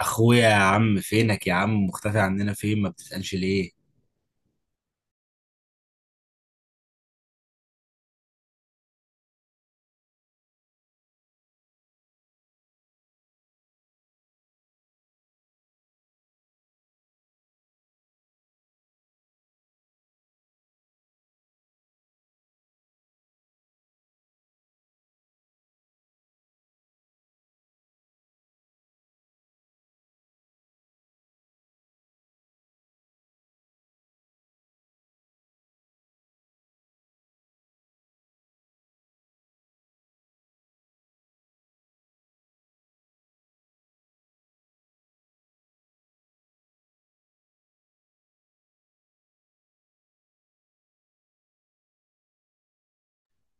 اخويا يا عم، فينك يا عم؟ مختفي عننا، فين؟ ما بتسألش ليه؟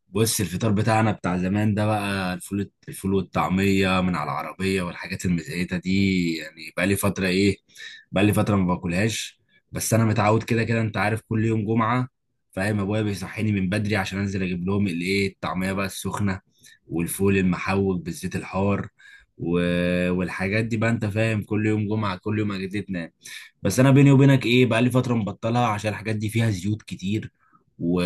بص، الفطار بتاعنا بتاع زمان ده بقى الفول والطعمية من على العربية والحاجات المزيتة دي، يعني بقى لي فترة ايه، بقى لي فترة ما باكلهاش. بس انا متعود كده كده، انت عارف، كل يوم جمعة، فاهم؟ ابويا بيصحيني من بدري عشان انزل اجيب لهم الايه، الطعمية بقى السخنة والفول المحوج بالزيت الحار و... والحاجات دي بقى، انت فاهم، كل يوم جمعة، كل يوم اجدتنا. بس انا بيني وبينك ايه، بقى لي فترة مبطلها عشان الحاجات دي فيها زيوت كتير و...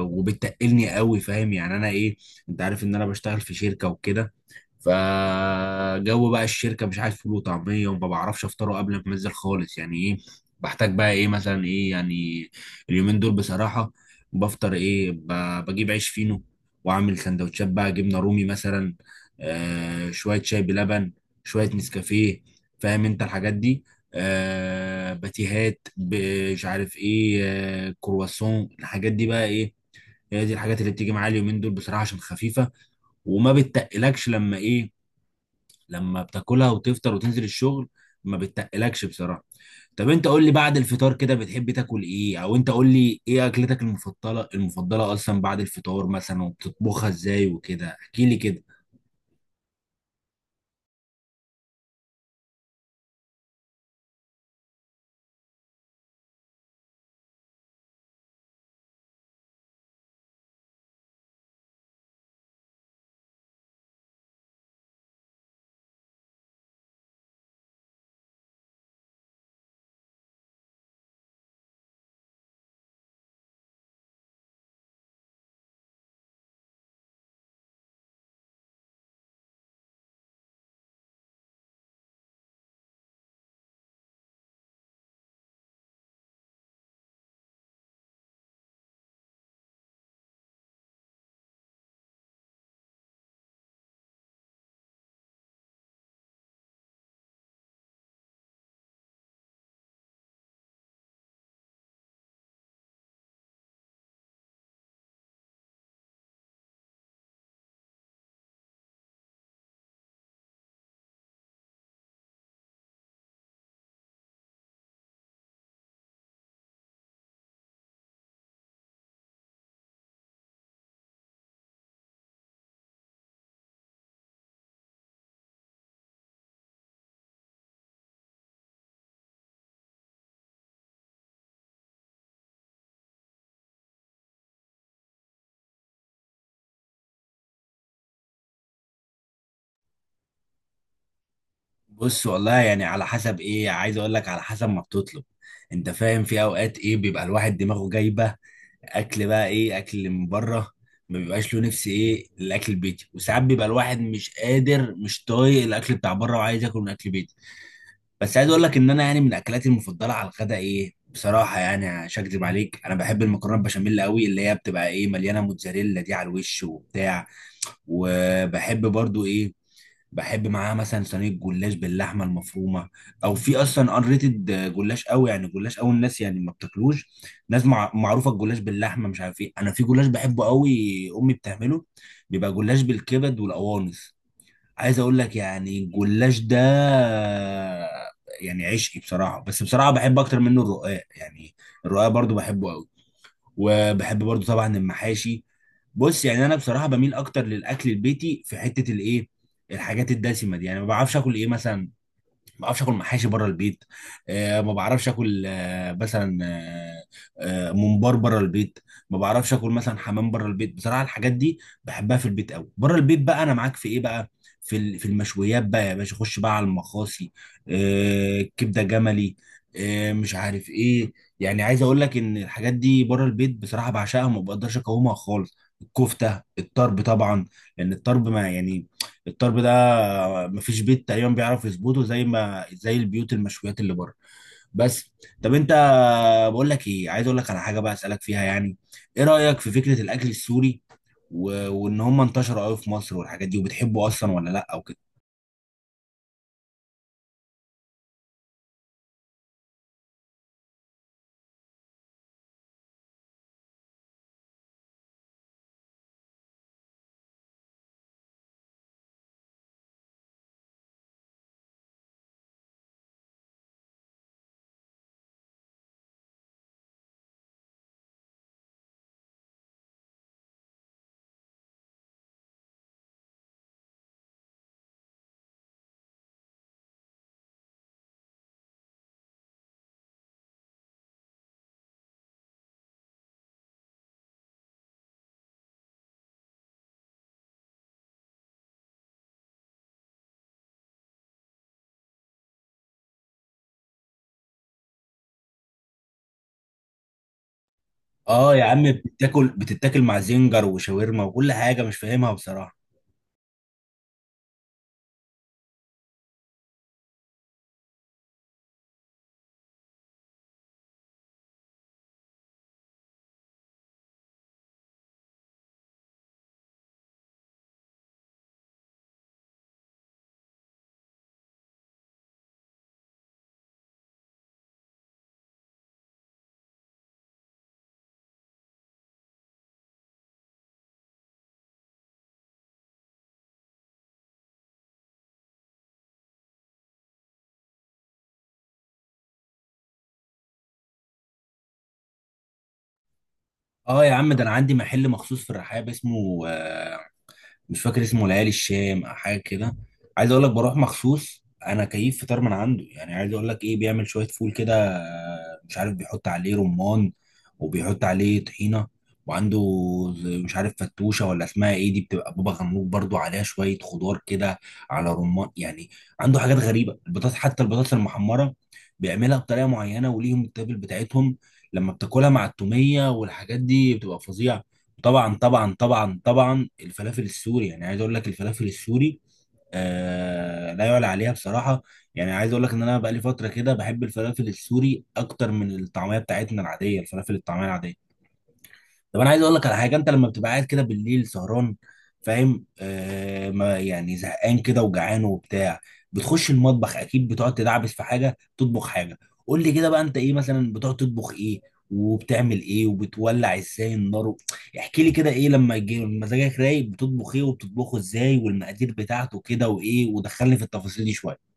وبتقلني قوي، فاهم يعني انا ايه؟ انت عارف ان انا بشتغل في شركه وكده، فجو بقى الشركه مش عارف فول وطعميه، وما بعرفش افطره قبل ما انزل خالص، يعني ايه؟ بحتاج بقى ايه مثلا، ايه يعني، اليومين دول بصراحه بفطر ايه، بجيب عيش فينو واعمل سندوتشات بقى جبنه رومي مثلا، شويه شاي بلبن، شويه نسكافيه، فاهم انت الحاجات دي، باتيهات، مش عارف ايه، كرواسون، الحاجات دي بقى ايه. هي دي الحاجات اللي بتيجي معايا اليومين دول بصراحه، عشان خفيفه وما بتتقلكش لما ايه، لما بتاكلها وتفطر وتنزل الشغل، ما بتتقلكش بصراحه. طب انت قول لي، بعد الفطار كده بتحب تاكل ايه؟ او انت قول لي ايه اكلتك المفضله، المفضله اصلا بعد الفطار مثلا، وبتطبخها ازاي وكده، احكي لي كده. بص والله، يعني على حسب ايه، عايز اقول لك على حسب ما بتطلب، انت فاهم، في اوقات ايه بيبقى الواحد دماغه جايبه اكل بقى ايه، اكل من بره، ما بيبقاش له نفس ايه الاكل البيتي، وساعات بيبقى الواحد مش قادر، مش طايق الاكل بتاع بره وعايز ياكل من اكل بيتي. بس عايز اقول لك ان انا يعني من اكلاتي المفضله على الغداء ايه بصراحه، يعني مش هكدب عليك، انا بحب المكرونه بشاميل قوي، اللي هي بتبقى ايه، مليانه موتزاريلا دي على الوش وبتاع. وبحب برضو ايه، بحب معاها مثلا صينيه جلاش باللحمه المفرومه. او في اصلا ان ريتد جلاش قوي، يعني جلاش قوي الناس يعني ما بتاكلوش، معروفه الجلاش باللحمه، مش عارف ايه. انا في جلاش بحبه قوي، امي بتعمله، بيبقى جلاش بالكبد والقوانص. عايز اقول لك يعني الجلاش ده يعني عشقي بصراحه، بس بصراحه بحب اكتر منه الرقاق يعني، الرقاق برضو بحبه قوي. وبحب برضو طبعا المحاشي. بص، يعني انا بصراحه بميل اكتر للاكل البيتي في حته الايه، الحاجات الدسمه دي، يعني ما بعرفش اكل ايه مثلا، ما بعرفش اكل محاشي بره البيت، ما بعرفش اكل مثلا، ممبار بره البيت، ما بعرفش اكل مثلا حمام بره البيت. بصراحه الحاجات دي بحبها في البيت قوي. بره البيت بقى انا معاك في ايه بقى، في في المشويات بقى يا باشا، خش بقى على المخاصي، كبده جملي، مش عارف ايه. يعني عايز اقول لك ان الحاجات دي بره البيت بصراحه بعشقها وما بقدرش اقاومها خالص. الكفته الطرب طبعا، لان الطرب ما يعني، الطرب ده مفيش بيت تقريبا بيعرف يظبطه، زي ما زي البيوت المشويات اللي بره. بس طب انت، بقول لك ايه، عايز اقول لك على حاجه بقى اسالك فيها يعني، ايه رايك في فكره الاكل السوري وان هم انتشروا قوي في مصر والحاجات دي، وبتحبه اصلا ولا لا او كده؟ اه يا عم، بتاكل بتتاكل مع زنجر وشاورما وكل حاجه، مش فاهمها بصراحه. اه يا عم، ده انا عندي محل مخصوص في الرحاب، اسمه مش فاكر اسمه، ليالي الشام او حاجه كده. عايز اقول لك بروح مخصوص انا كيف فطار من عنده، يعني عايز اقول لك ايه، بيعمل شويه فول كده، مش عارف، بيحط عليه رمان وبيحط عليه طحينه، وعنده مش عارف، فتوشه ولا اسمها ايه دي، بتبقى بابا غنوج برضو عليها شويه خضار كده على رمان يعني. عنده حاجات غريبه، البطاطس، حتى البطاطس المحمره بيعملها بطريقه معينه، وليهم التابل بتاعتهم، لما بتاكلها مع التوميه والحاجات دي بتبقى فظيعه. طبعا طبعا طبعا طبعا، الفلافل السوري، يعني عايز اقول لك الفلافل السوري، آه لا يعلى عليها بصراحه. يعني عايز اقول لك ان انا بقالي فتره كده بحب الفلافل السوري اكتر من الطعميه بتاعتنا العاديه، الفلافل الطعميه العاديه. طب انا عايز اقول لك على حاجه، انت لما بتبقى قاعد كده بالليل سهران، فاهم، آه ما يعني زهقان كده وجعان وبتاع، بتخش المطبخ اكيد بتقعد تدعبس في حاجه، تطبخ حاجه. قول لي كده بقى، انت ايه مثلا بتقعد تطبخ ايه؟ وبتعمل ايه؟ وبتولع ازاي النار احكي لي كده، ايه لما يجي مزاجك رايق بتطبخ ايه، وبتطبخه ازاي، والمقادير بتاعته كده وايه؟ ودخلني في التفاصيل دي شويه.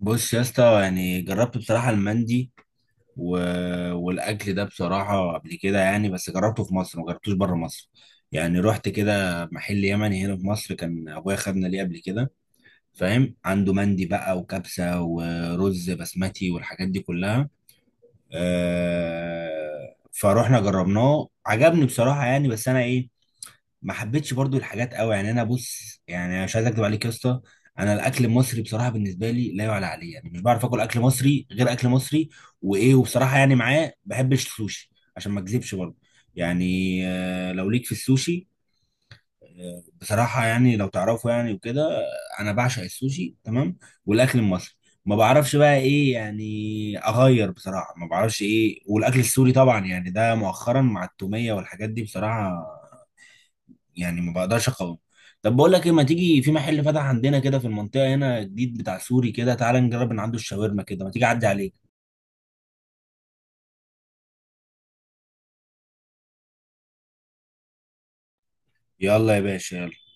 بص يا اسطى، يعني جربت بصراحه المندي و... والاكل ده بصراحه قبل كده يعني، بس جربته في مصر، ما جربتوش بره مصر. يعني رحت كده محل يمني هنا في مصر، كان ابويا خدنا ليه قبل كده، فاهم، عنده مندي بقى وكبسه ورز بسمتي والحاجات دي كلها. فروحنا جربناه، عجبني بصراحه يعني، بس انا ايه، ما حبيتش برضو الحاجات قوي. يعني انا بص، يعني مش عايز اكدب عليك يا اسطى، انا الاكل المصري بصراحه بالنسبه لي لا يعلى عليه، يعني مش بعرف اكل اكل مصري غير اكل مصري. وايه، وبصراحه يعني معاه بحبش السوشي، عشان ما اكذبش برضو يعني، لو ليك في السوشي بصراحه يعني لو تعرفه يعني وكده، انا بعشق السوشي تمام. والاكل المصري ما بعرفش بقى ايه يعني اغير بصراحه، ما بعرفش ايه، والاكل السوري طبعا يعني ده مؤخرا مع التوميه والحاجات دي، بصراحه يعني ما بقدرش اقاوم. طب بقول لك ايه، ما تيجي، في محل فتح عندنا كده في المنطقه هنا جديد بتاع سوري كده، تعالى نجرب من عنده الشاورما كده، ما تيجي اعدي عليك. يلا يا باشا.